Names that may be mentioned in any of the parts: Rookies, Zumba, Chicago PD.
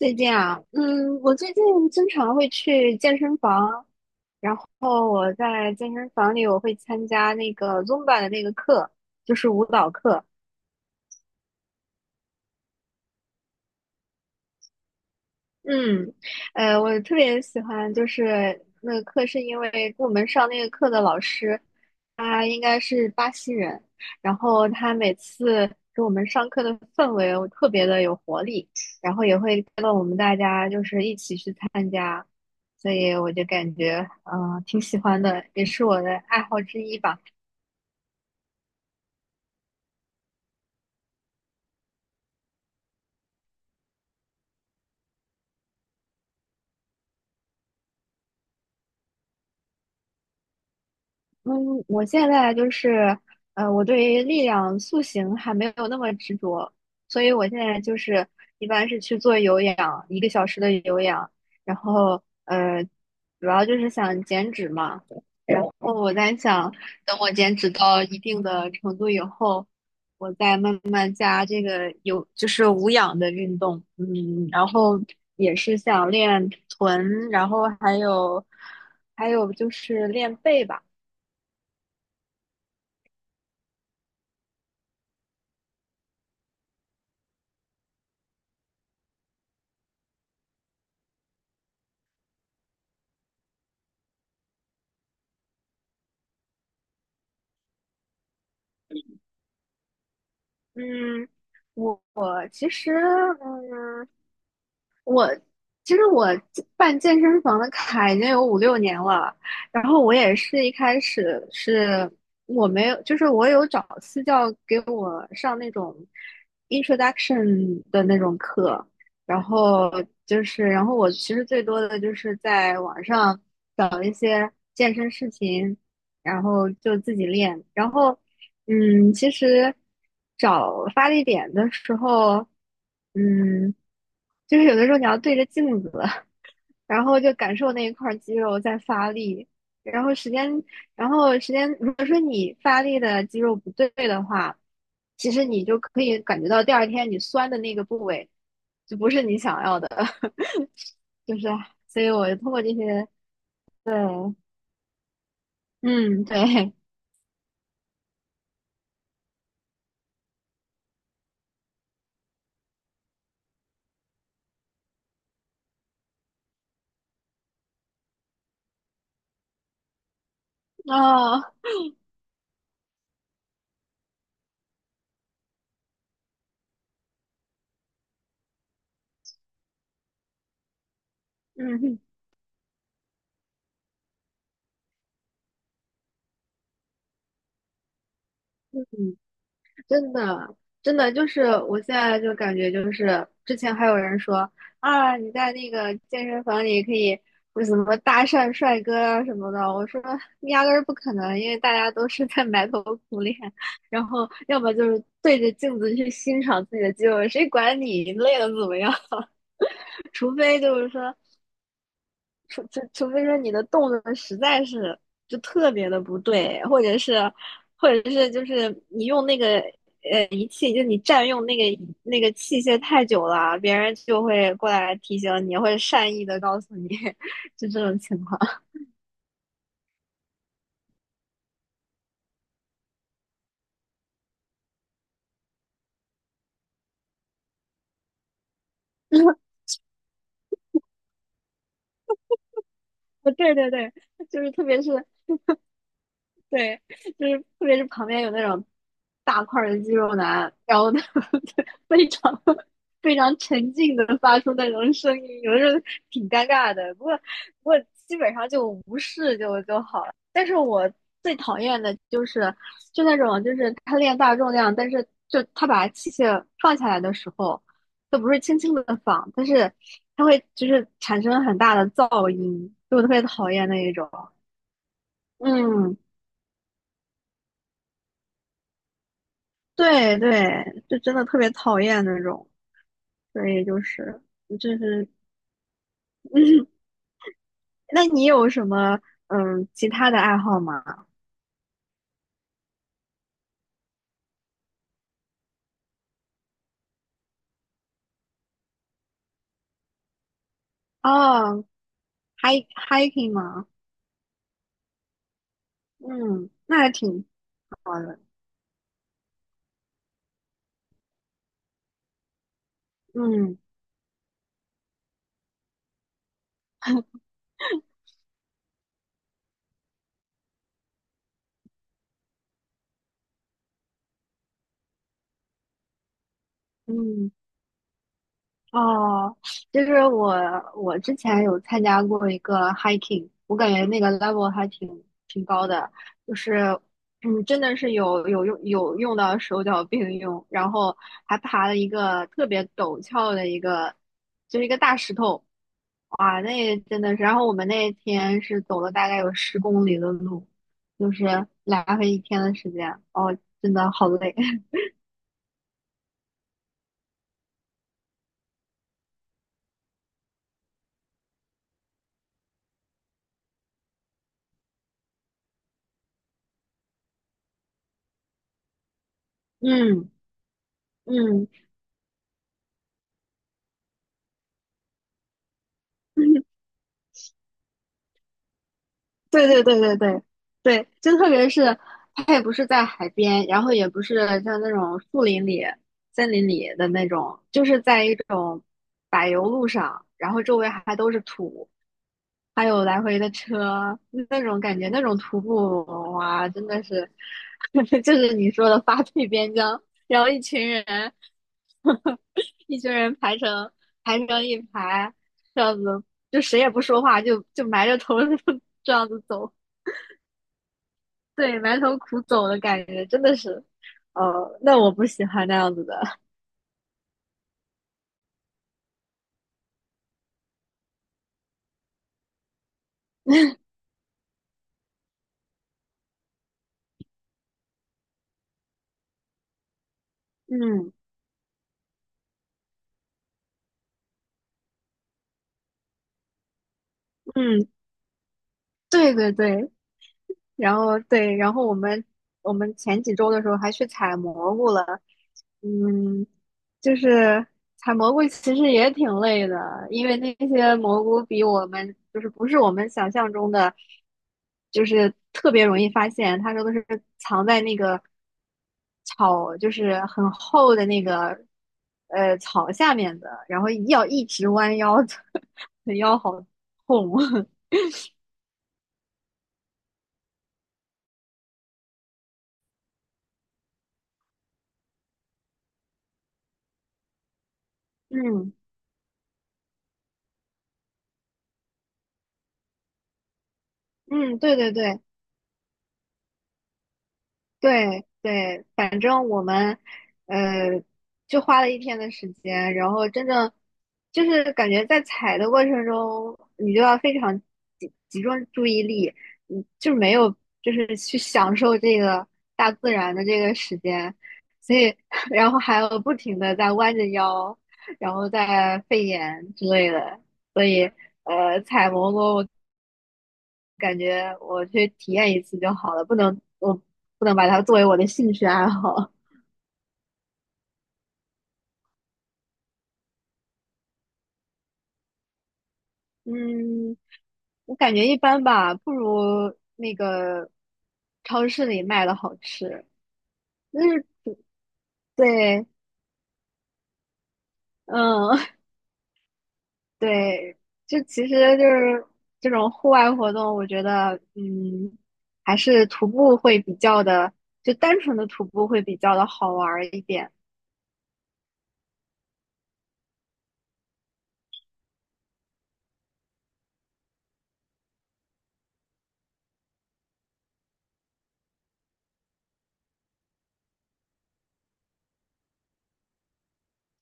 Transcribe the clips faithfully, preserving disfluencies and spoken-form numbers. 最近啊，嗯，我最近经常会去健身房，然后我在健身房里我会参加那个 Zumba 的那个课，就是舞蹈课。嗯，呃，我特别喜欢就是那个课，是因为我们上那个课的老师，他应该是巴西人，然后他每次给我们上课的氛围我特别的有活力，然后也会带动我们大家就是一起去参加，所以我就感觉嗯、呃挺喜欢的，也是我的爱好之一吧。嗯，我现在就是，呃，我对于力量塑形还没有那么执着，所以我现在就是一般是去做有氧，一个小时的有氧，然后呃，主要就是想减脂嘛，然后我在想，等我减脂到一定的程度以后，我再慢慢加这个有就是无氧的运动，嗯，然后也是想练臀，然后还有还有就是练背吧。嗯，我我其实，嗯，其实我健办健身房的卡已经有五六年了。然后我也是一开始是我没有，就是我有找私教给我上那种 introduction 的那种课，然后就是，然后我其实最多的就是在网上找一些健身视频，然后就自己练。然后，嗯，其实找发力点的时候，嗯，就是有的时候你要对着镜子，然后就感受那一块儿肌肉在发力。然后时间，然后时间，如果说你发力的肌肉不对的话，其实你就可以感觉到第二天你酸的那个部位就不是你想要的，就是，所以我通过这些，对，嗯，对，哦，嗯嗯。真的，真的就是我现在就感觉就是，之前还有人说啊，你在那个健身房里可以不是什么搭讪帅哥啊什么的，我说压根儿不可能，因为大家都是在埋头苦练，然后要么就是对着镜子去欣赏自己的肌肉，谁管你累的怎么样？除非就是说除除除非说你的动作实在是就特别的不对，或者是，或者是就是你用那个呃仪器，就你占用那个那个器械太久了，别人就会过来提醒你，或者善意的告诉你，就这种情况。对对对，就是特别是对，就是特别是旁边有那种大块儿的肌肉男，然后他们就非常非常沉静的发出那种声音，有的时候挺尴尬的。不过不过基本上就无视就就好了。但是我最讨厌的就是就那种就是他练大重量，但是就他把器械放下来的时候，都不是轻轻的放，但是他会就是产生很大的噪音，就我特别讨厌那一种。嗯，对对，就真的特别讨厌那种，所以就是就是，那你有什么嗯其他的爱好吗？哦 h i k hiking 吗？嗯，那还挺好的。嗯嗯。哦，就是我，我之前有参加过一个 hiking，我感觉那个 level 还挺挺高的，就是，嗯，真的是有有用有用到手脚并用，然后还爬了一个特别陡峭的一个，就是一个大石头，哇，那真的是，然后我们那天是走了大概有十公里的路，就是来回一天的时间，哦，真的好累，嗯嗯，对对对对对对，就特别是它也不是在海边，然后也不是像那种树林里、森林里的那种，就是在一种柏油路上，然后周围还都是土，还有来回的车，那种感觉，那种徒步哇，真的是，就是你说的发配边疆，然后一群人，一群人排成排成一排，这样子就谁也不说话，就就埋着头 这样子走，对，埋头苦走的感觉，真的是，哦，那我不喜欢那样子的，嗯嗯，对对对，然后对，然后我们我们前几周的时候还去采蘑菇了，嗯，就是采蘑菇其实也挺累的，因为那些蘑菇比我们就是不是我们想象中的，就是特别容易发现，他说都是藏在那个草，就是很厚的那个呃草下面的，然后要一直弯腰的，腰好痛，嗯。嗯，对对对，对对，反呃，就花了一天的时间，然后真正就是感觉在采的过程中，你就要非常集集中注意力，嗯，就没有就是去享受这个大自然的这个时间，所以 然后还有不停的在弯着腰，然后在肺炎之类的，所以呃，采蘑菇我感觉我去体验一次就好了，不能我不能把它作为我的兴趣爱好。嗯，我感觉一般吧，不如那个超市里卖的好吃。就是对，嗯，对，就其实就是这种户外活动，我觉得，嗯，还是徒步会比较的，就单纯的徒步会比较的好玩儿一点。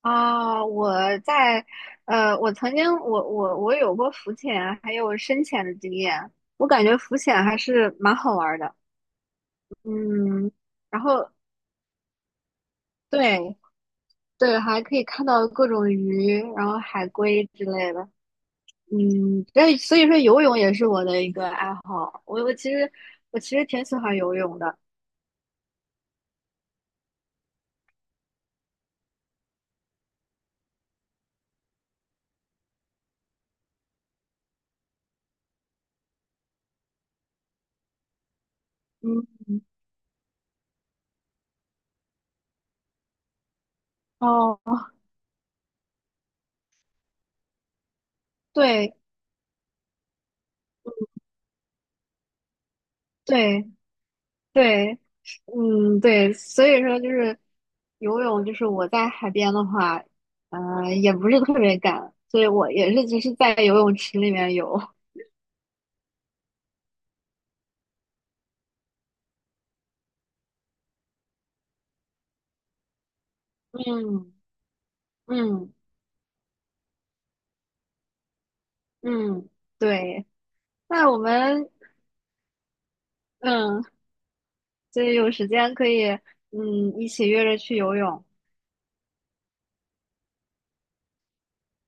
啊，我在，呃，我曾经我我我有过浮潜还有深潜的经验，我感觉浮潜还是蛮好玩儿的。嗯，然后对对，还可以看到各种鱼，然后海龟之类的。嗯，所以所以说游泳也是我的一个爱好。我我其实我其实挺喜欢游泳的。嗯，哦，对对对，嗯对，所以说就是游泳，就是我在海边的话，呃，也不是特别敢，所以我也是只是在游泳池里面游。嗯嗯嗯，对。那我们嗯。所以有时间可以，嗯，一起约着去游泳。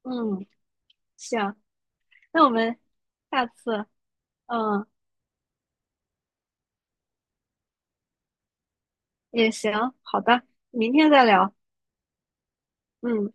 嗯，行，那我们下次，嗯，也行，好的，明天再聊。嗯。